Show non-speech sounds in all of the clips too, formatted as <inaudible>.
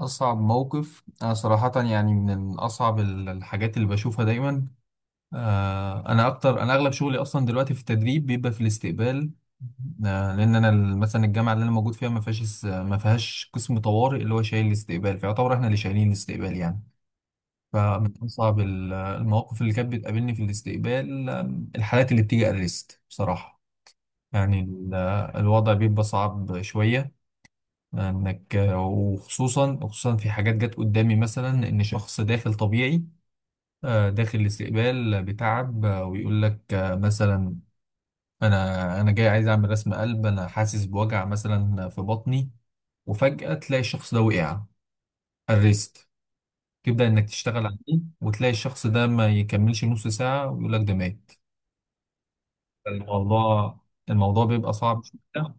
أصعب موقف أنا صراحة من أصعب الحاجات اللي بشوفها دايما. أنا أكتر، أنا أغلب شغلي أصلا دلوقتي في التدريب بيبقى في الاستقبال. لأن أنا مثلا الجامعة اللي أنا موجود فيها ما فيهاش ما فيهاش قسم طوارئ اللي هو شايل الاستقبال، فيعتبر إحنا اللي شايلين الاستقبال يعني. فمن أصعب المواقف اللي كانت بتقابلني في الاستقبال الحالات اللي بتيجي أريست بصراحة. يعني الوضع بيبقى صعب شوية، انك، وخصوصا وخصوصا في حاجات جت قدامي مثلا ان شخص داخل طبيعي، داخل الاستقبال بتعب، ويقول لك مثلا انا جاي عايز اعمل رسم قلب، انا حاسس بوجع مثلا في بطني. وفجأة تلاقي الشخص ده وقع على الريست، تبدأ انك تشتغل عليه وتلاقي الشخص ده ما يكملش نص ساعة ويقول لك ده مات. الموضوع الموضوع بيبقى صعب شوية.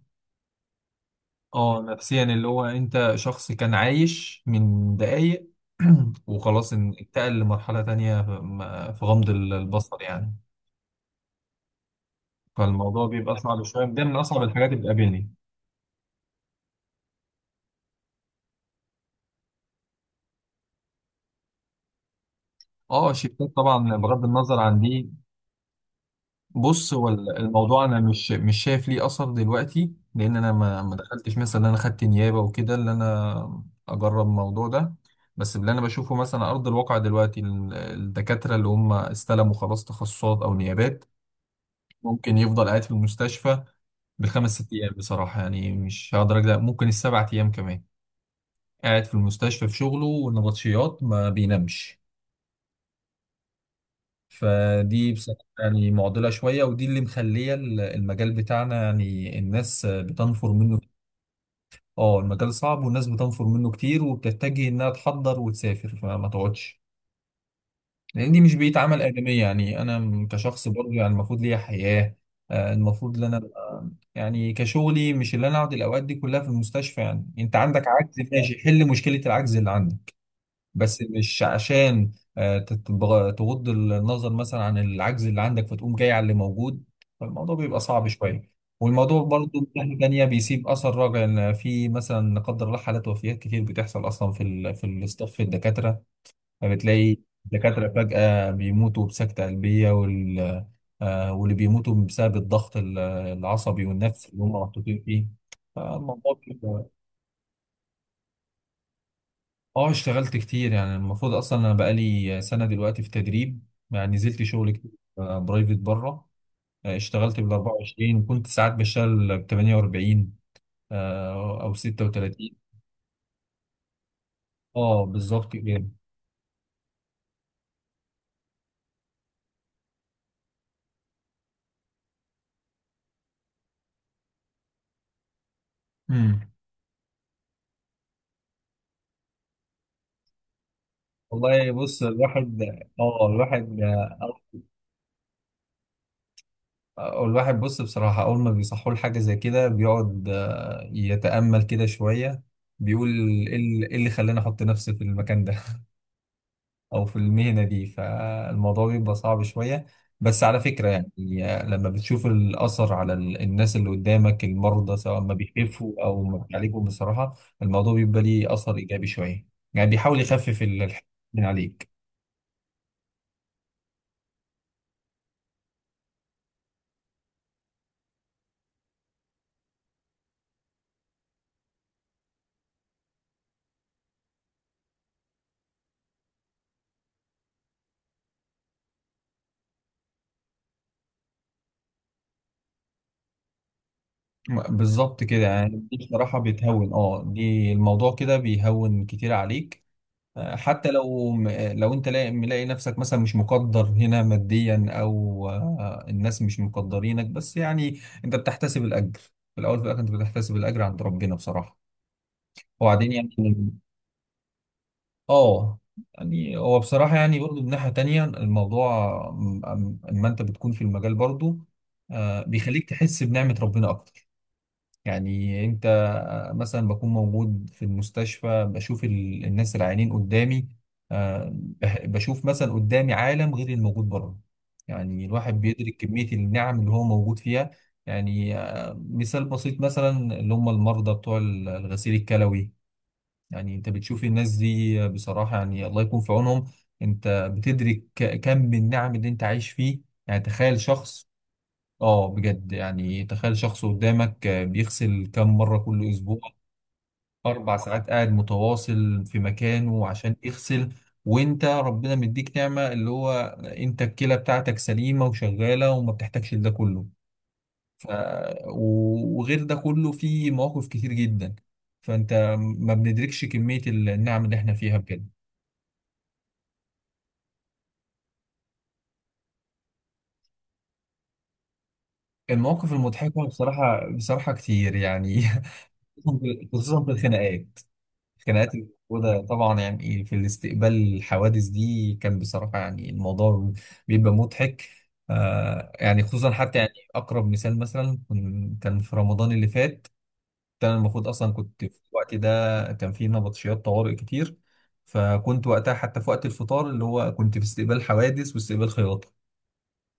اه نفسيا، اللي هو انت شخص كان عايش من دقايق <clears throat> وخلاص انتقل لمرحلة تانية في في غمض البصر يعني. فالموضوع بيبقى صعب شوية، ده من أصعب الحاجات اللي بتقابلني. اه شيفتات طبعا بغض النظر عن دي. بص، هو الموضوع أنا مش شايف ليه أثر دلوقتي، لأن أنا ما دخلتش مثلا إن أنا خدت نيابة وكده اللي أنا أجرب الموضوع ده. بس اللي أنا بشوفه مثلا على أرض الواقع دلوقتي الدكاترة اللي هم استلموا خلاص تخصصات أو نيابات ممكن يفضل قاعد في المستشفى بالخمس ست ايام، بصراحه يعني مش هقدر اجزع، ممكن السبع ايام كمان قاعد في المستشفى في شغله، والنبطشيات ما بينامش. فدي بصراحه يعني معضله شويه، ودي اللي مخليه المجال بتاعنا يعني الناس بتنفر منه. اه المجال صعب والناس بتنفر منه كتير، وبتتجه انها تحضر وتسافر فما تقعدش، لان دي مش بيتعمل ادميه. يعني انا كشخص برضه يعني المفروض ليا حياه. المفروض ان انا أبقى- يعني كشغلي، مش اللي انا اقعد الاوقات دي كلها في المستشفى. يعني انت عندك عجز، ماشي، حل مشكله العجز اللي عندك، بس مش عشان تغض النظر مثلا عن العجز اللي عندك فتقوم جاي على اللي موجود. فالموضوع بيبقى صعب شويه. والموضوع برضه من ناحيه تانيه بيسيب اثر راجع، ان في مثلا لا قدر الله حالات وفيات كتير بتحصل اصلا في ال في الاستاف في الدكاتره، فبتلاقي الدكاترة فجأة بيموتوا بسكتة قلبية واللي بيموتوا بسبب الضغط العصبي والنفسي اللي هم محطوطين فيه. فالموضوع بيبقى- اه اشتغلت كتير، يعني المفروض اصلا انا بقالي سنة دلوقتي في تدريب، يعني نزلت شغل كتير. برايفت بره. اشتغلت بال 24، وكنت ساعات بشتغل ب 48، او 36. اه بالظبط كده. مم. والله بص، الواحد، اه الواحد، والواحد بص بصراحة أول ما بيصحوا له حاجة زي كده بيقعد يتأمل كده شوية، بيقول إيه إيه اللي خلاني أحط نفسي في المكان ده <laughs> أو في المهنة دي؟ فالموضوع بيبقى صعب شوية. بس على فكرة يعني لما بتشوف الأثر على الناس اللي قدامك، المرضى سواء ما بيخفوا أو ما بيعالجوا، بصراحة الموضوع بيبقى ليه أثر إيجابي شوية. يعني بيحاول يخفف الحمل من عليك. بالظبط كده، يعني دي بصراحة بتهون. اه دي الموضوع كده بيهون كتير عليك، حتى لو، لو انت ملاقي نفسك مثلا مش مقدر هنا ماديا او الناس مش مقدرينك، بس يعني انت بتحتسب الاجر. في الاول وفي الاخر انت بتحتسب الاجر عند ربنا بصراحه. وبعدين يعني اه. يعني هو بصراحه يعني برضو من ناحيه تانية الموضوع اما انت بتكون في المجال برضو بيخليك تحس بنعمه ربنا اكتر. يعني انت مثلا بكون موجود في المستشفى بشوف الناس العيانين قدامي، بشوف مثلا قدامي عالم غير الموجود بره. يعني الواحد بيدرك كمية النعم اللي هو موجود فيها. يعني مثال بسيط مثلا اللي هم المرضى بتوع الغسيل الكلوي. يعني انت بتشوف الناس دي بصراحة، يعني الله يكون في عونهم. انت بتدرك كم من النعم اللي انت عايش فيه. يعني تخيل شخص، اه بجد، يعني تخيل شخص قدامك بيغسل كم مرة كل أسبوع؟ أربع ساعات قاعد متواصل في مكانه عشان يغسل، وأنت ربنا مديك نعمة اللي هو أنت الكلى بتاعتك سليمة وشغالة وما بتحتاجش لده كله. ف... وغير ده كله في مواقف كتير جدا، فأنت ما بندركش كمية النعم اللي احنا فيها بجد. المواقف المضحكة بصراحة، كتير يعني <laughs> خصوصا في الخناقات. الخناقات اللي موجودة طبعا يعني في الاستقبال، الحوادث دي كان بصراحة يعني الموضوع بيبقى مضحك. آه يعني خصوصا حتى يعني أقرب مثال مثلا كان في رمضان اللي فات، كان المفروض أصلا كنت في الوقت ده كان في نبطشيات طوارئ كتير. فكنت وقتها حتى في وقت الفطار اللي هو كنت في استقبال حوادث واستقبال خياطة،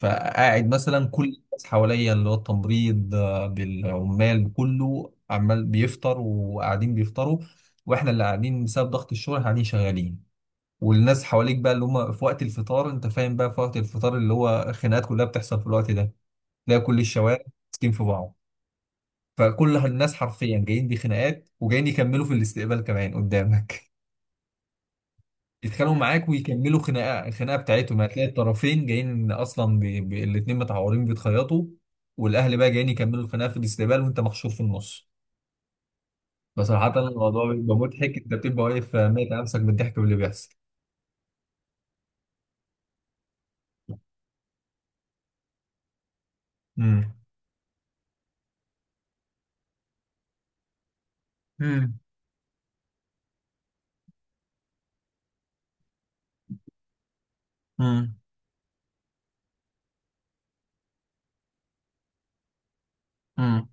فقاعد مثلا كل الناس حواليا اللي هو التمريض بالعمال كله، عمال بيفطر وقاعدين بيفطروا، واحنا اللي قاعدين بسبب ضغط الشغل قاعدين شغالين. والناس حواليك بقى اللي هم في وقت الفطار، انت فاهم بقى، في وقت الفطار اللي هو خناقات كلها بتحصل في الوقت ده. تلاقي كل الشوارع ماسكين في بعض، فكل الناس حرفيا جايين بخناقات وجايين يكملوا في الاستقبال كمان قدامك. يتخانقوا معاك ويكملوا الخناقه بتاعتهم، يعني هتلاقي الطرفين جايين اصلا بي... بي... الاتنين متعورين بيتخيطوا، والاهل بقى جايين يكملوا الخناقه في الاستقبال وانت محشور في النص. بصراحه الموضوع بيبقى مضحك، انت بتبقى واقف ميت على نفسك بالضحك باللي بيحصل. امم، امم، امم، امم،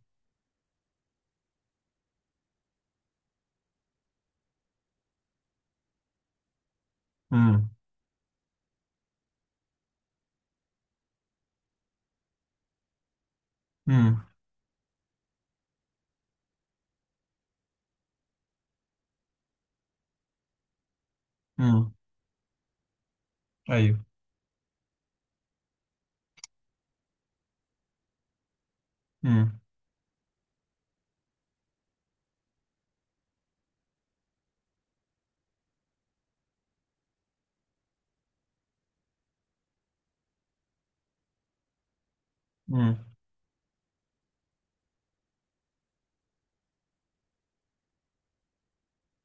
امم، امم، امم، ايوه، امم، امم،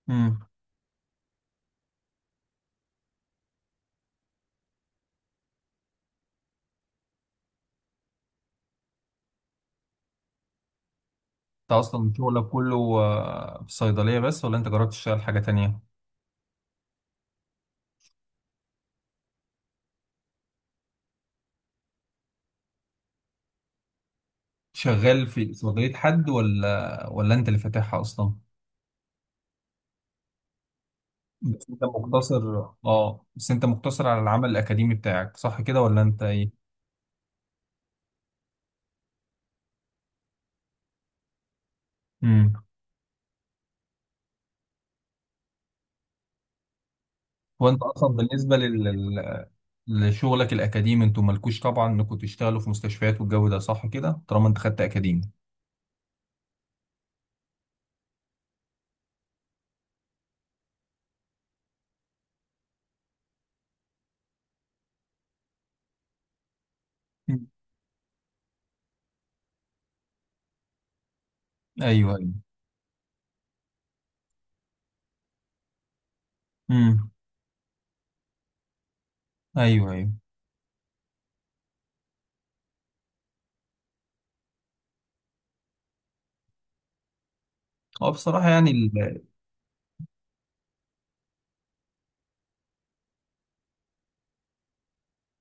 امم. انت اصلا شغلك كله في الصيدليه بس، ولا انت جربت تشتغل حاجه تانية؟ شغال في صيدليه حد ولا انت اللي فاتحها اصلا؟ بس انت مقتصر اه بس انت مقتصر على العمل الاكاديمي بتاعك صح كده ولا انت ايه؟ امم. وانت اصلا بالنسبه لل... لشغلك الاكاديمي انتوا مالكوش طبعا انكم تشتغلوا في مستشفيات والجو ده، صح كده طالما انت خدت اكاديمي؟ مم. ايوه. امم. ايوه. هو بصراحه يعني ال...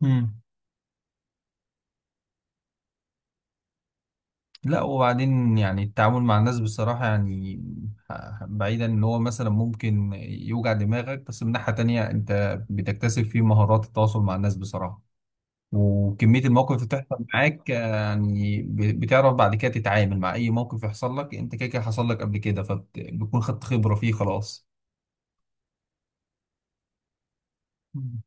مم. لا، وبعدين يعني التعامل مع الناس بصراحه يعني بعيدا ان هو مثلا ممكن يوجع دماغك، بس من ناحيه تانية انت بتكتسب فيه مهارات التواصل مع الناس بصراحه. وكمية المواقف اللي بتحصل معاك يعني بتعرف بعد كده تتعامل مع أي موقف يحصل لك. أنت كده كده حصل لك قبل كده فبتكون خدت خبرة فيه خلاص. مم.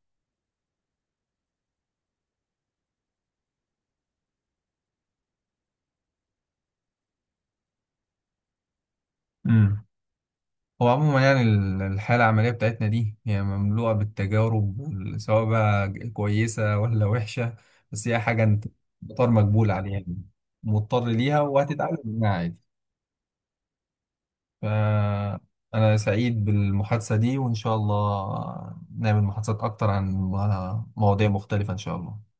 امم. هو عموما يعني الحالة العملية بتاعتنا دي هي مملوءة بالتجارب سواء بقى كويسة ولا وحشة، بس هي حاجة أنت مضطر مقبول عليها، يعني مضطر ليها وهتتعلم منها عادي. فأنا سعيد بالمحادثة دي، وإن شاء الله نعمل محادثات أكتر عن مواضيع مختلفة إن شاء الله.